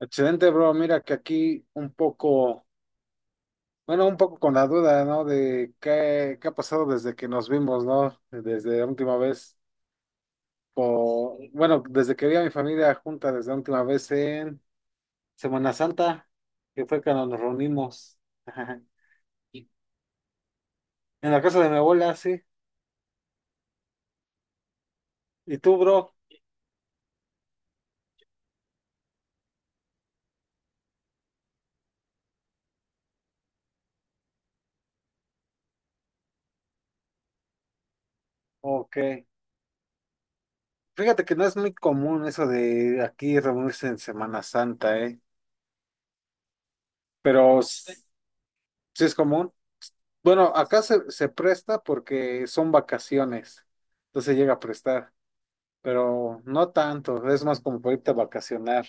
Excelente, bro. Mira que aquí un poco, bueno, un poco con la duda, ¿no? De qué ha pasado desde que nos vimos, ¿no? Desde la última vez, bueno, desde que vi a mi familia junta, desde la última vez en Semana Santa, que fue cuando nos reunimos en la casa de mi abuela, sí. ¿Y tú, bro? Ok. Fíjate que no es muy común eso de aquí reunirse en Semana Santa, ¿eh? Pero sí es común. Bueno, acá se presta porque son vacaciones, entonces llega a prestar, pero no tanto, es más como para irte a vacacionar.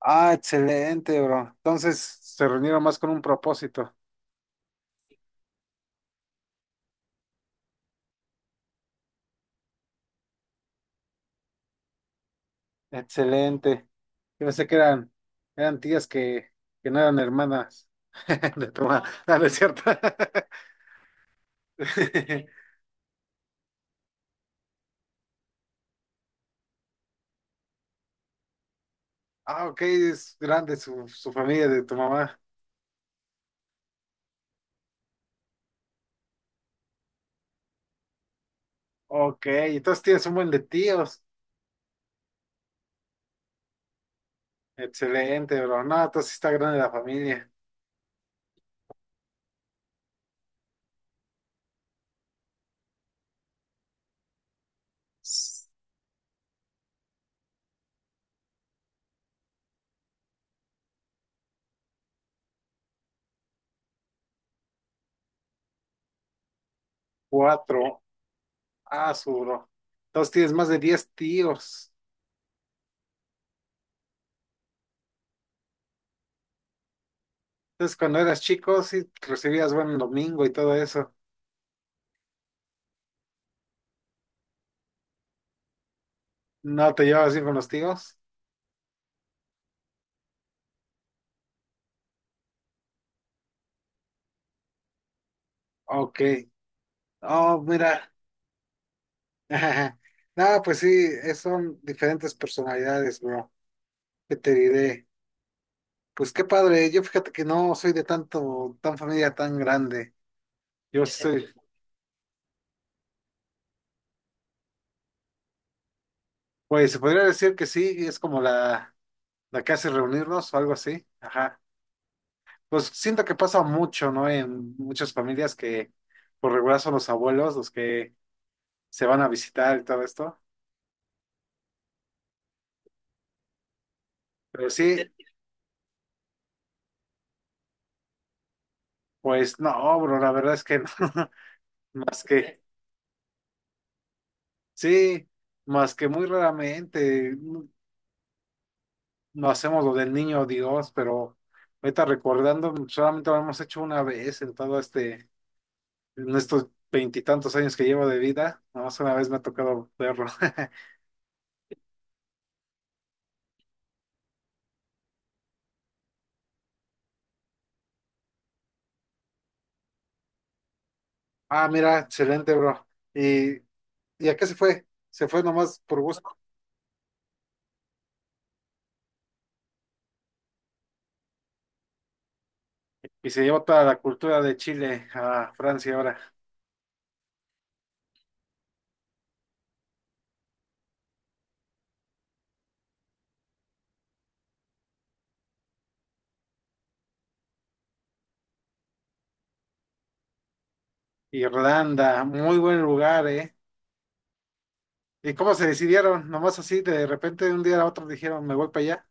Ah, excelente, bro. Entonces se reunieron más con un propósito. Excelente. Yo pensé que eran tías que no eran hermanas de tu mamá. No, no es cierto. Ah, ok, es grande su familia de tu mamá. Ok, entonces tienes un buen de tíos. Excelente, bro. No, entonces sí está grande la familia. Cuatro. Ah, su bro. Entonces tienes más de 10 tíos. Entonces cuando eras chico, sí recibías buen domingo y todo eso. ¿No te llevabas bien con los tíos? Ok. Oh, mira. No, pues sí, son diferentes personalidades, bro. ¿Qué te diré? Pues qué padre. Yo fíjate que no soy de tan familia tan grande. Yo soy, pues se podría decir que sí, es como la que hace reunirnos o algo así. Ajá. Pues siento que pasa mucho, ¿no? En muchas familias que por regular son los abuelos los que se van a visitar y todo esto. Pero sí, pues no, bro, la verdad es que no. Más que, sí, más que muy raramente no hacemos lo del niño Dios, pero ahorita recordando, solamente lo hemos hecho una vez en en estos veintitantos años que llevo de vida. Nada más una vez me ha tocado verlo. Ah, mira, excelente, bro. Y ¿Y a qué se fue? Se fue nomás por gusto. Y se llevó toda la cultura de Chile a Francia ahora. Irlanda, muy buen lugar, ¿eh? ¿Y cómo se decidieron? Nomás así, de repente, de un día a otro dijeron, me voy para allá.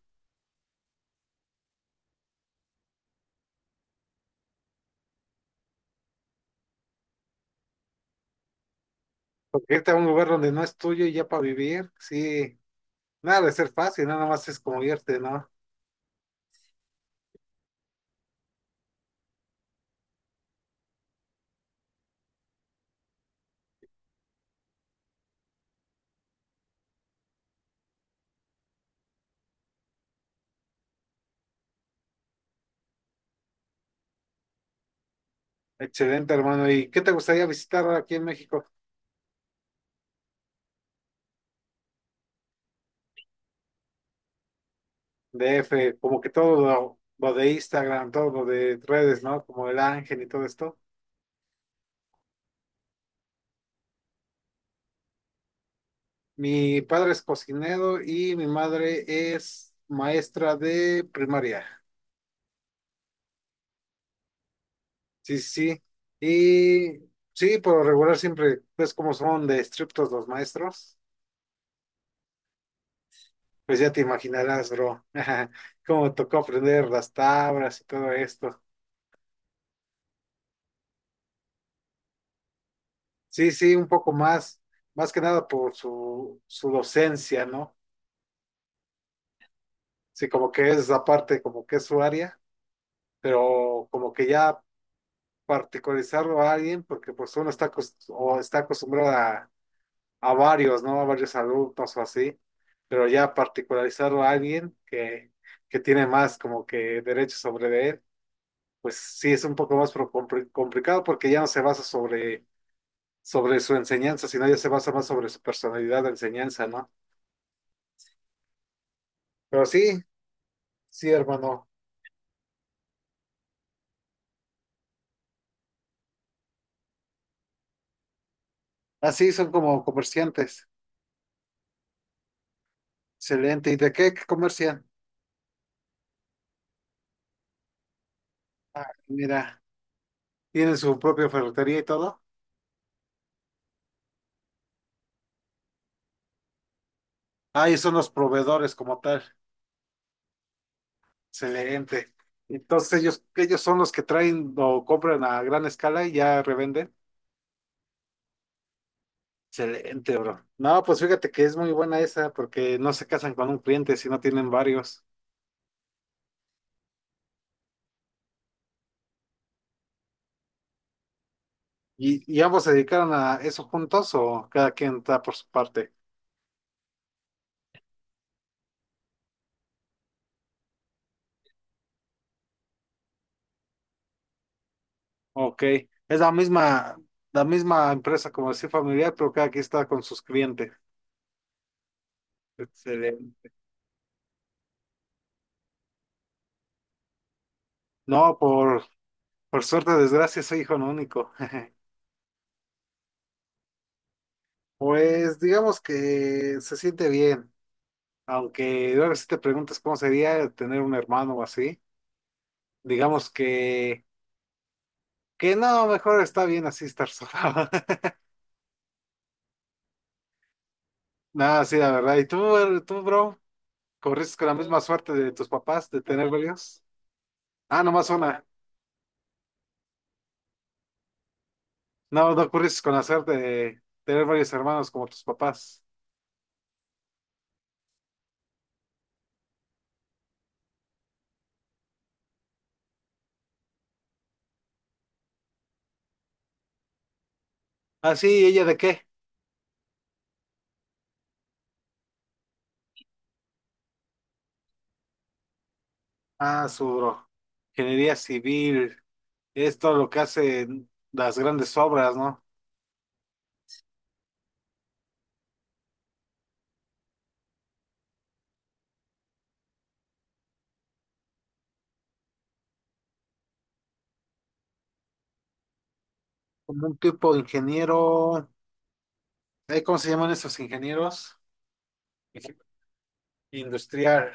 Porque irte a un lugar donde no es tuyo y ya para vivir, sí, nada de ser fácil, nada más es como irte, ¿no? Excelente, hermano. ¿Y qué te gustaría visitar aquí en México? DF, como que todo lo de Instagram, todo lo de redes, ¿no? Como el Ángel y todo esto. Mi padre es cocinero y mi madre es maestra de primaria. Sí, sí, sí. Y sí, por lo regular siempre, pues como son de estrictos los maestros, pues ya te imaginarás, bro, cómo me tocó aprender las tablas y todo esto. Sí, sí, un poco más que nada por su docencia, ¿no? Sí, como que es la parte, como que es su área, pero como que ya particularizarlo a alguien, porque pues uno está, o está acostumbrado a varios, ¿no? A varios alumnos o así, pero ya particularizarlo a alguien que tiene más como que derechos sobre de él, pues sí es un poco más complicado porque ya no se basa sobre su enseñanza, sino ya se basa más sobre su personalidad de enseñanza, ¿no? Pero sí, sí, hermano. Así son como comerciantes. Excelente. ¿Y de qué comercian? Ah, mira, tienen su propia ferretería y todo. Ah, y son los proveedores como tal. Excelente. Entonces ellos son los que traen o compran a gran escala y ya revenden. Excelente, bro. No, pues fíjate que es muy buena esa porque no se casan con un cliente, sino tienen varios. Y ambos se dedicaron a eso juntos o cada quien está por su parte? Ok. Es la misma empresa, como decir, familiar, pero cada quien está con sus clientes. Excelente. No, por suerte, o desgracia, soy hijo único. Pues digamos que se siente bien. Aunque luego si te preguntas cómo sería tener un hermano o así, digamos que no, mejor está bien así estar solo. Nada, sí, la verdad. ¿Y tú, bro? ¿Corriste con la misma suerte de tus papás de tener varios? Ah, nomás una. No, no corriste con la suerte de tener varios hermanos como tus papás. Ah, sí, ¿y ella de qué? Ah, su bro. Ingeniería civil. Es todo lo que hacen las grandes obras, ¿no? Como un tipo de ingeniero. ¿Cómo se llaman esos ingenieros? Industrial,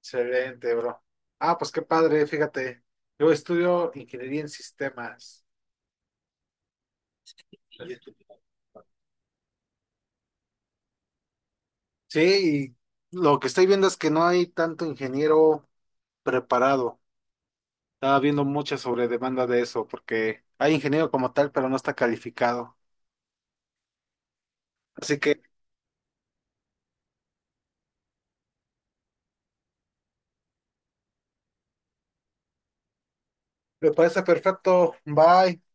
excelente, bro. Ah, pues qué padre, fíjate. Yo estudio ingeniería en sistemas. Y- Sí, y lo que estoy viendo es que no hay tanto ingeniero preparado. Estaba viendo mucha sobredemanda de eso, porque hay ingeniero como tal, pero no está calificado. Así que me parece perfecto. Bye.